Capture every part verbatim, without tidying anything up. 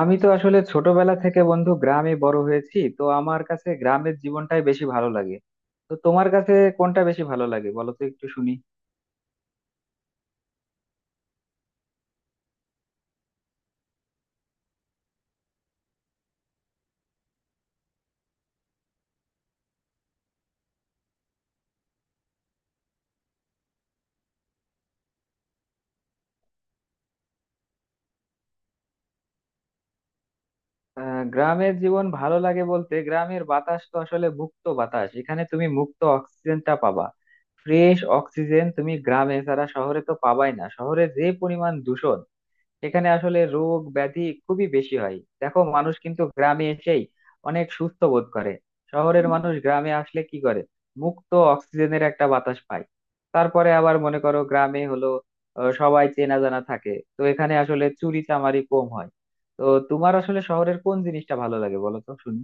আমি তো আসলে ছোটবেলা থেকে বন্ধু গ্রামে বড় হয়েছি, তো আমার কাছে গ্রামের জীবনটাই বেশি ভালো লাগে। তো তোমার কাছে কোনটা বেশি ভালো লাগে বলো তো একটু শুনি। আহ গ্রামের জীবন ভালো লাগে বলতে, গ্রামের বাতাস তো আসলে মুক্ত বাতাস, এখানে তুমি মুক্ত অক্সিজেনটা পাবা। ফ্রেশ অক্সিজেন তুমি গ্রামে ছাড়া শহরে তো পাবাই না। শহরে যে পরিমাণ দূষণ, এখানে আসলে রোগ ব্যাধি খুবই বেশি হয়। দেখো মানুষ কিন্তু গ্রামে এসেই অনেক সুস্থ বোধ করে। শহরের মানুষ গ্রামে আসলে কি করে, মুক্ত অক্সিজেনের একটা বাতাস পায়। তারপরে আবার মনে করো গ্রামে হলো, আহ, সবাই চেনা জানা থাকে, তো এখানে আসলে চুরি চামারি কম হয়। তো তোমার আসলে শহরের কোন জিনিসটা ভালো লাগে বলো তো শুনি।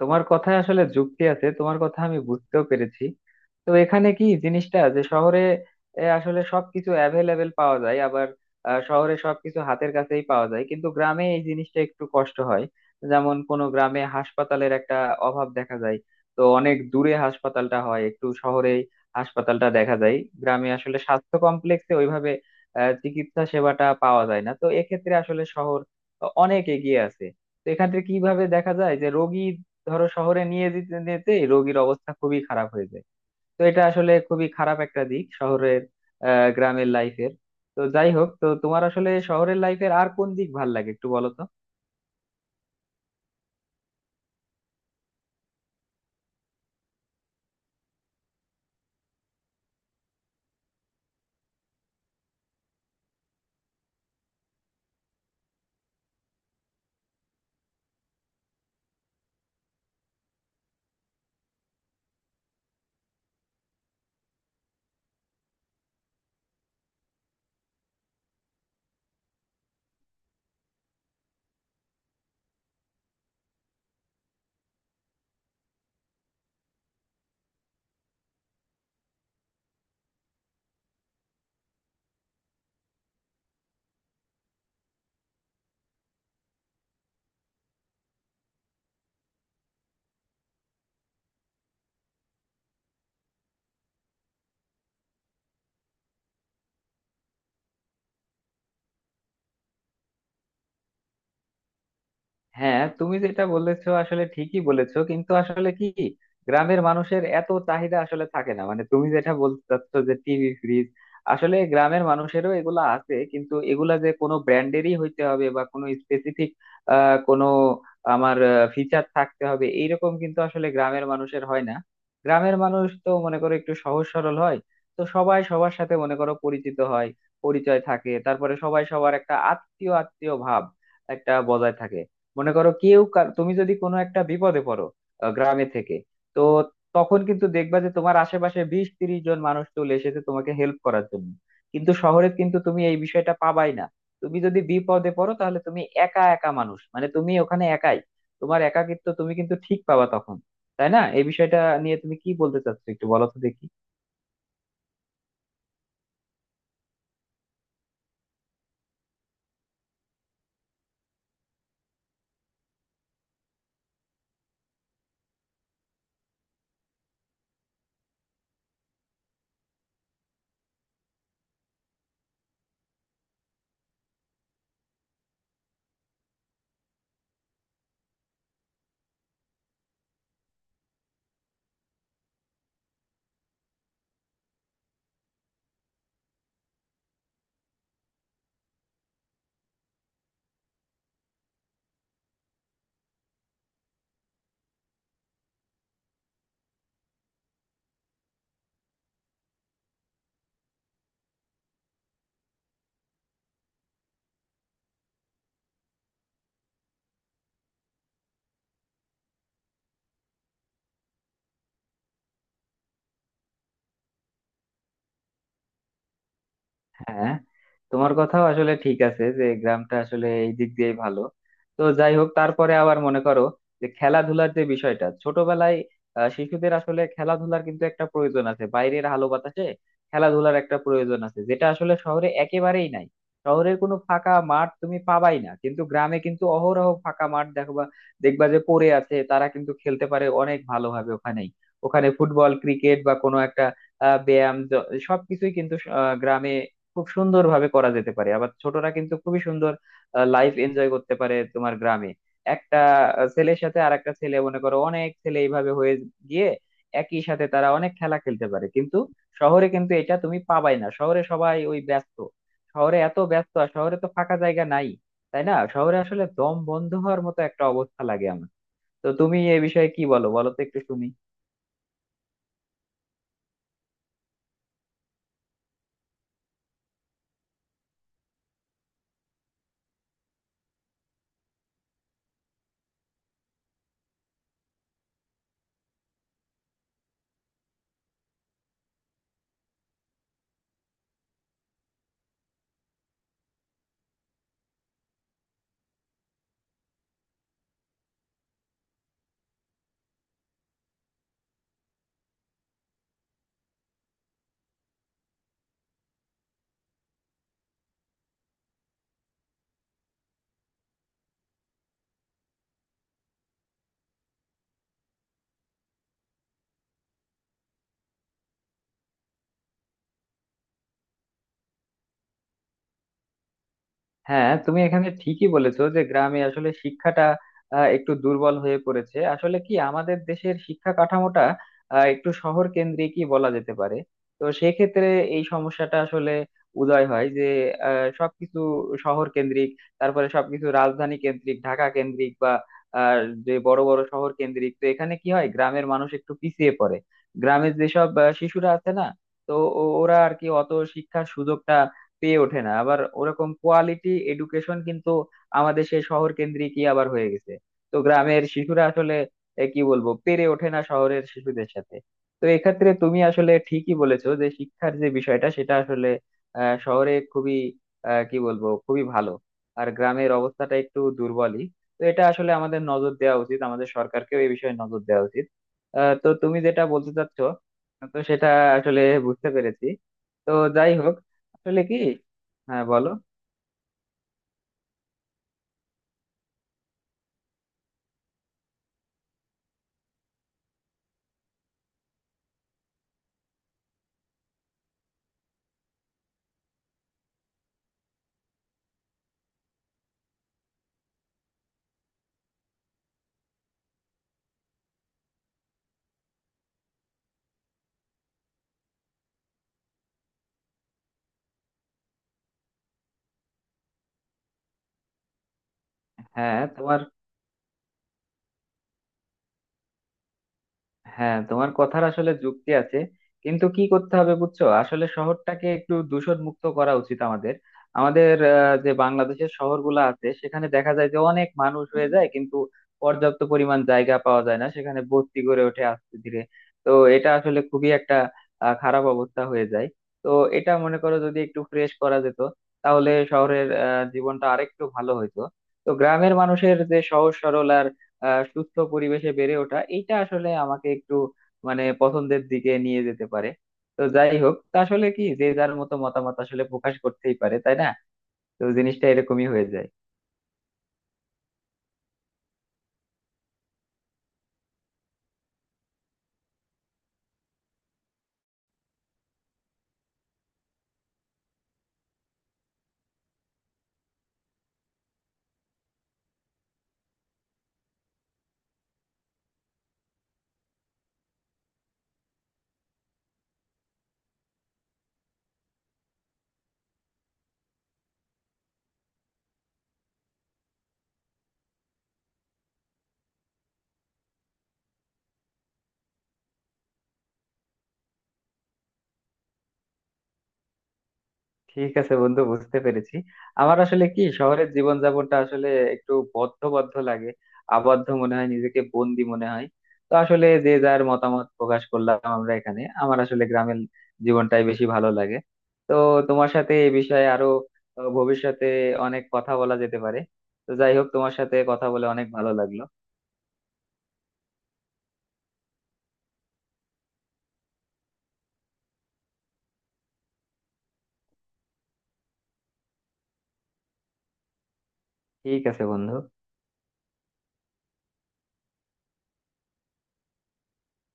তোমার কথায় আসলে যুক্তি আছে, তোমার কথা আমি বুঝতেও পেরেছি। তো এখানে কি জিনিসটা যে শহরে এ, আসলে সবকিছু অ্যাভেলেবেল পাওয়া যায়, আবার আহ, শহরে সবকিছু হাতের কাছেই পাওয়া যায়, কিন্তু গ্রামে এই জিনিসটা একটু কষ্ট হয়। যেমন কোনো গ্রামে হাসপাতালের একটা অভাব দেখা যায়। তো অনেক দূরে হাসপাতালটা হয়, একটু শহরেই হাসপাতালটা দেখা যায়। গ্রামে আসলে স্বাস্থ্য কমপ্লেক্সে ওইভাবে আহ, চিকিৎসা সেবাটা পাওয়া যায় না। তো এক্ষেত্রে আসলে শহর অনেক এগিয়ে আছে। তো এখান থেকে কিভাবে দেখা যায় যে রোগী, ধরো শহরে নিয়ে যেতে যেতেই রোগীর অবস্থা খুবই খারাপ হয়ে যায়। তো এটা আসলে খুবই খারাপ একটা দিক শহরের, আহ গ্রামের লাইফের। তো যাই হোক, তো তোমার আসলে শহরের লাইফের আর কোন দিক ভাল লাগে একটু বলো তো। হ্যাঁ, তুমি যেটা বলেছো আসলে ঠিকই বলেছো, কিন্তু আসলে কি, গ্রামের মানুষের এত চাহিদা আসলে থাকে না। মানে তুমি যেটা বলতে চাচ্ছ যে টিভি ফ্রিজ, আসলে গ্রামের মানুষেরও এগুলা আছে, কিন্তু এগুলা যে কোনো ব্র্যান্ডেরই হইতে হবে বা কোনো স্পেসিফিক আহ কোনো আমার ফিচার থাকতে হবে এইরকম কিন্তু আসলে গ্রামের মানুষের হয় না। গ্রামের মানুষ তো মনে করো একটু সহজ সরল হয়। তো সবাই সবার সাথে মনে করো পরিচিত হয়, পরিচয় থাকে। তারপরে সবাই সবার একটা আত্মীয় আত্মীয় ভাব একটা বজায় থাকে। মনে করো কেউ কার- তুমি যদি কোনো একটা বিপদে পড়ো আহ, গ্রামে থেকে, তো তখন কিন্তু দেখবা যে তোমার আশেপাশে বিশ তিরিশ জন মানুষ চলে এসেছে তোমাকে হেল্প করার জন্য। কিন্তু শহরে কিন্তু তুমি এই বিষয়টা পাবাই না। তুমি যদি বিপদে পড়ো তাহলে তুমি একা একা মানুষ, মানে তুমি ওখানে একাই, তোমার একাকিত্ব তুমি কিন্তু ঠিক পাবা তখন। তাই না, এই বিষয়টা নিয়ে তুমি কি বলতে চাচ্ছো একটু বলো তো দেখি। হ্যাঁ, তোমার কথাও আসলে ঠিক আছে যে গ্রামটা আসলে এই দিক দিয়ে ভালো। তো যাই হোক, তারপরে আবার মনে করো যে খেলাধুলার যে বিষয়টা ছোটবেলায়, আহ, শিশুদের আসলে খেলাধুলার কিন্তু একটা প্রয়োজন আছে, বাইরের আলো বাতাসে খেলাধুলার একটা প্রয়োজন আছে, যেটা আসলে শহরে একেবারেই নাই। শহরের কোনো ফাঁকা মাঠ তুমি পাবাই না, কিন্তু গ্রামে কিন্তু অহরহ ফাঁকা মাঠ দেখবা। দেখবা যে পড়ে আছে, তারা কিন্তু খেলতে পারে অনেক ভালোভাবে ওখানেই। ওখানে ফুটবল ক্রিকেট বা কোনো একটা আহ ব্যায়াম জ- সবকিছুই কিন্তু আহ, গ্রামে খুব সুন্দর ভাবে করা যেতে পারে। আবার ছোটরা কিন্তু খুবই সুন্দর লাইফ এনজয় করতে পারে তোমার গ্রামে। একটা আহ, ছেলের সাথে আর একটা ছেলে, মনে করো অনেক ছেলে এইভাবে হয়ে গিয়ে একই সাথে তারা অনেক খেলা খেলতে পারে। কিন্তু শহরে কিন্তু এটা তুমি পাবাই না। শহরে সবাই ওই ব্যস্ত, শহরে এত ব্যস্ত, আর শহরে তো ফাঁকা জায়গা নাই। তাই না, শহরে আসলে দম বন্ধ হওয়ার মতো একটা অবস্থা লাগে আমার। তো তুমি এই বিষয়ে কি বলো, বলো তো একটু শুনি। হ্যাঁ, তুমি এখানে ঠিকই বলেছো যে গ্রামে আসলে শিক্ষাটা আহ, একটু দুর্বল হয়ে পড়েছে। আসলে কি, আমাদের দেশের শিক্ষা কাঠামোটা আহ, একটু শহর কেন্দ্রিকই বলা যেতে পারে। তো সেক্ষেত্রে এই সমস্যাটা আসলে উদয় হয় যে আহ, সবকিছু শহর কেন্দ্রিক, তারপরে সবকিছু রাজধানী কেন্দ্রিক, ঢাকা কেন্দ্রিক, বা আহ, যে বড় বড় শহর কেন্দ্রিক। তো এখানে কি হয়, গ্রামের মানুষ একটু পিছিয়ে পড়ে। গ্রামের যেসব আহ, শিশুরা আছে না, তো ও- ওরা আর কি অত শিক্ষার সুযোগটা পেয়ে ওঠে না। আবার ওরকম কোয়ালিটি এডুকেশন কিন্তু আমাদের সেই শহর কেন্দ্রিকই আবার হয়ে গেছে। তো গ্রামের শিশুরা আসলে এ, কি বলবো, পেরে ওঠে না শহরের শিশুদের সাথে। তো এক্ষেত্রে তুমি আসলে ঠিকই বলেছো যে শিক্ষার যে বিষয়টা সেটা আসলে আহ, শহরে খুবই আহ, কি বলবো খুবই ভালো, আর গ্রামের অবস্থাটা একটু দুর্বলই। তো এটা আসলে আমাদের নজর দেওয়া উচিত, আমাদের সরকারকেও এই বিষয়ে নজর দেওয়া উচিত। আহ, তো তুমি যেটা বলতে চাচ্ছ, তো সেটা আসলে বুঝতে পেরেছি। তো যাই হোক, আসলে কি, হ্যাঁ বলো। হ্যাঁ তোমার হ্যাঁ তোমার কথার আসলে যুক্তি আছে। কিন্তু কি করতে হবে বুঝছো, আসলে শহরটাকে একটু দূষণ মুক্ত করা উচিত আমাদের। আমাদের আহ, যে বাংলাদেশের শহরগুলো আছে, সেখানে দেখা যায় যে অনেক মানুষ হয়ে যায়, কিন্তু পর্যাপ্ত পরিমাণ জায়গা পাওয়া যায় না, সেখানে বস্তি গড়ে ওঠে আস্তে ধীরে। তো এটা আসলে খুবই একটা আহ, খারাপ অবস্থা হয়ে যায়। তো এটা মনে করো যদি একটু ফ্রেশ করা যেত, তাহলে শহরের আহ, জীবনটা আরেকটু ভালো হইতো। তো গ্রামের মানুষের যে সহজ সরল আহ সুস্থ পরিবেশে বেড়ে ওঠা, এইটা আসলে আমাকে একটু মানে পছন্দের দিকে নিয়ে যেতে পারে। তো যাই হোক, তা আসলে কি, যে যার মতো মতামত আসলে প্রকাশ করতেই পারে, তাই না। তো জিনিসটা এরকমই হয়ে যায়। ঠিক আছে বন্ধু, বুঝতে পেরেছি। আমার আসলে কি শহরের জীবনযাপনটা আসলে একটু বদ্ধ বদ্ধ লাগে, আবদ্ধ মনে হয়, নিজেকে বন্দি মনে হয়। তো আসলে যে যার মতামত প্রকাশ করলাম আমরা এখানে, আমার আসলে গ্রামের জীবনটাই বেশি ভালো লাগে। তো তোমার সাথে এই বিষয়ে আরো আহ, ভবিষ্যতে অনেক কথা বলা যেতে পারে। তো যাই হোক, তোমার সাথে কথা বলে অনেক ভালো লাগলো। ঠিক আছে বন্ধু।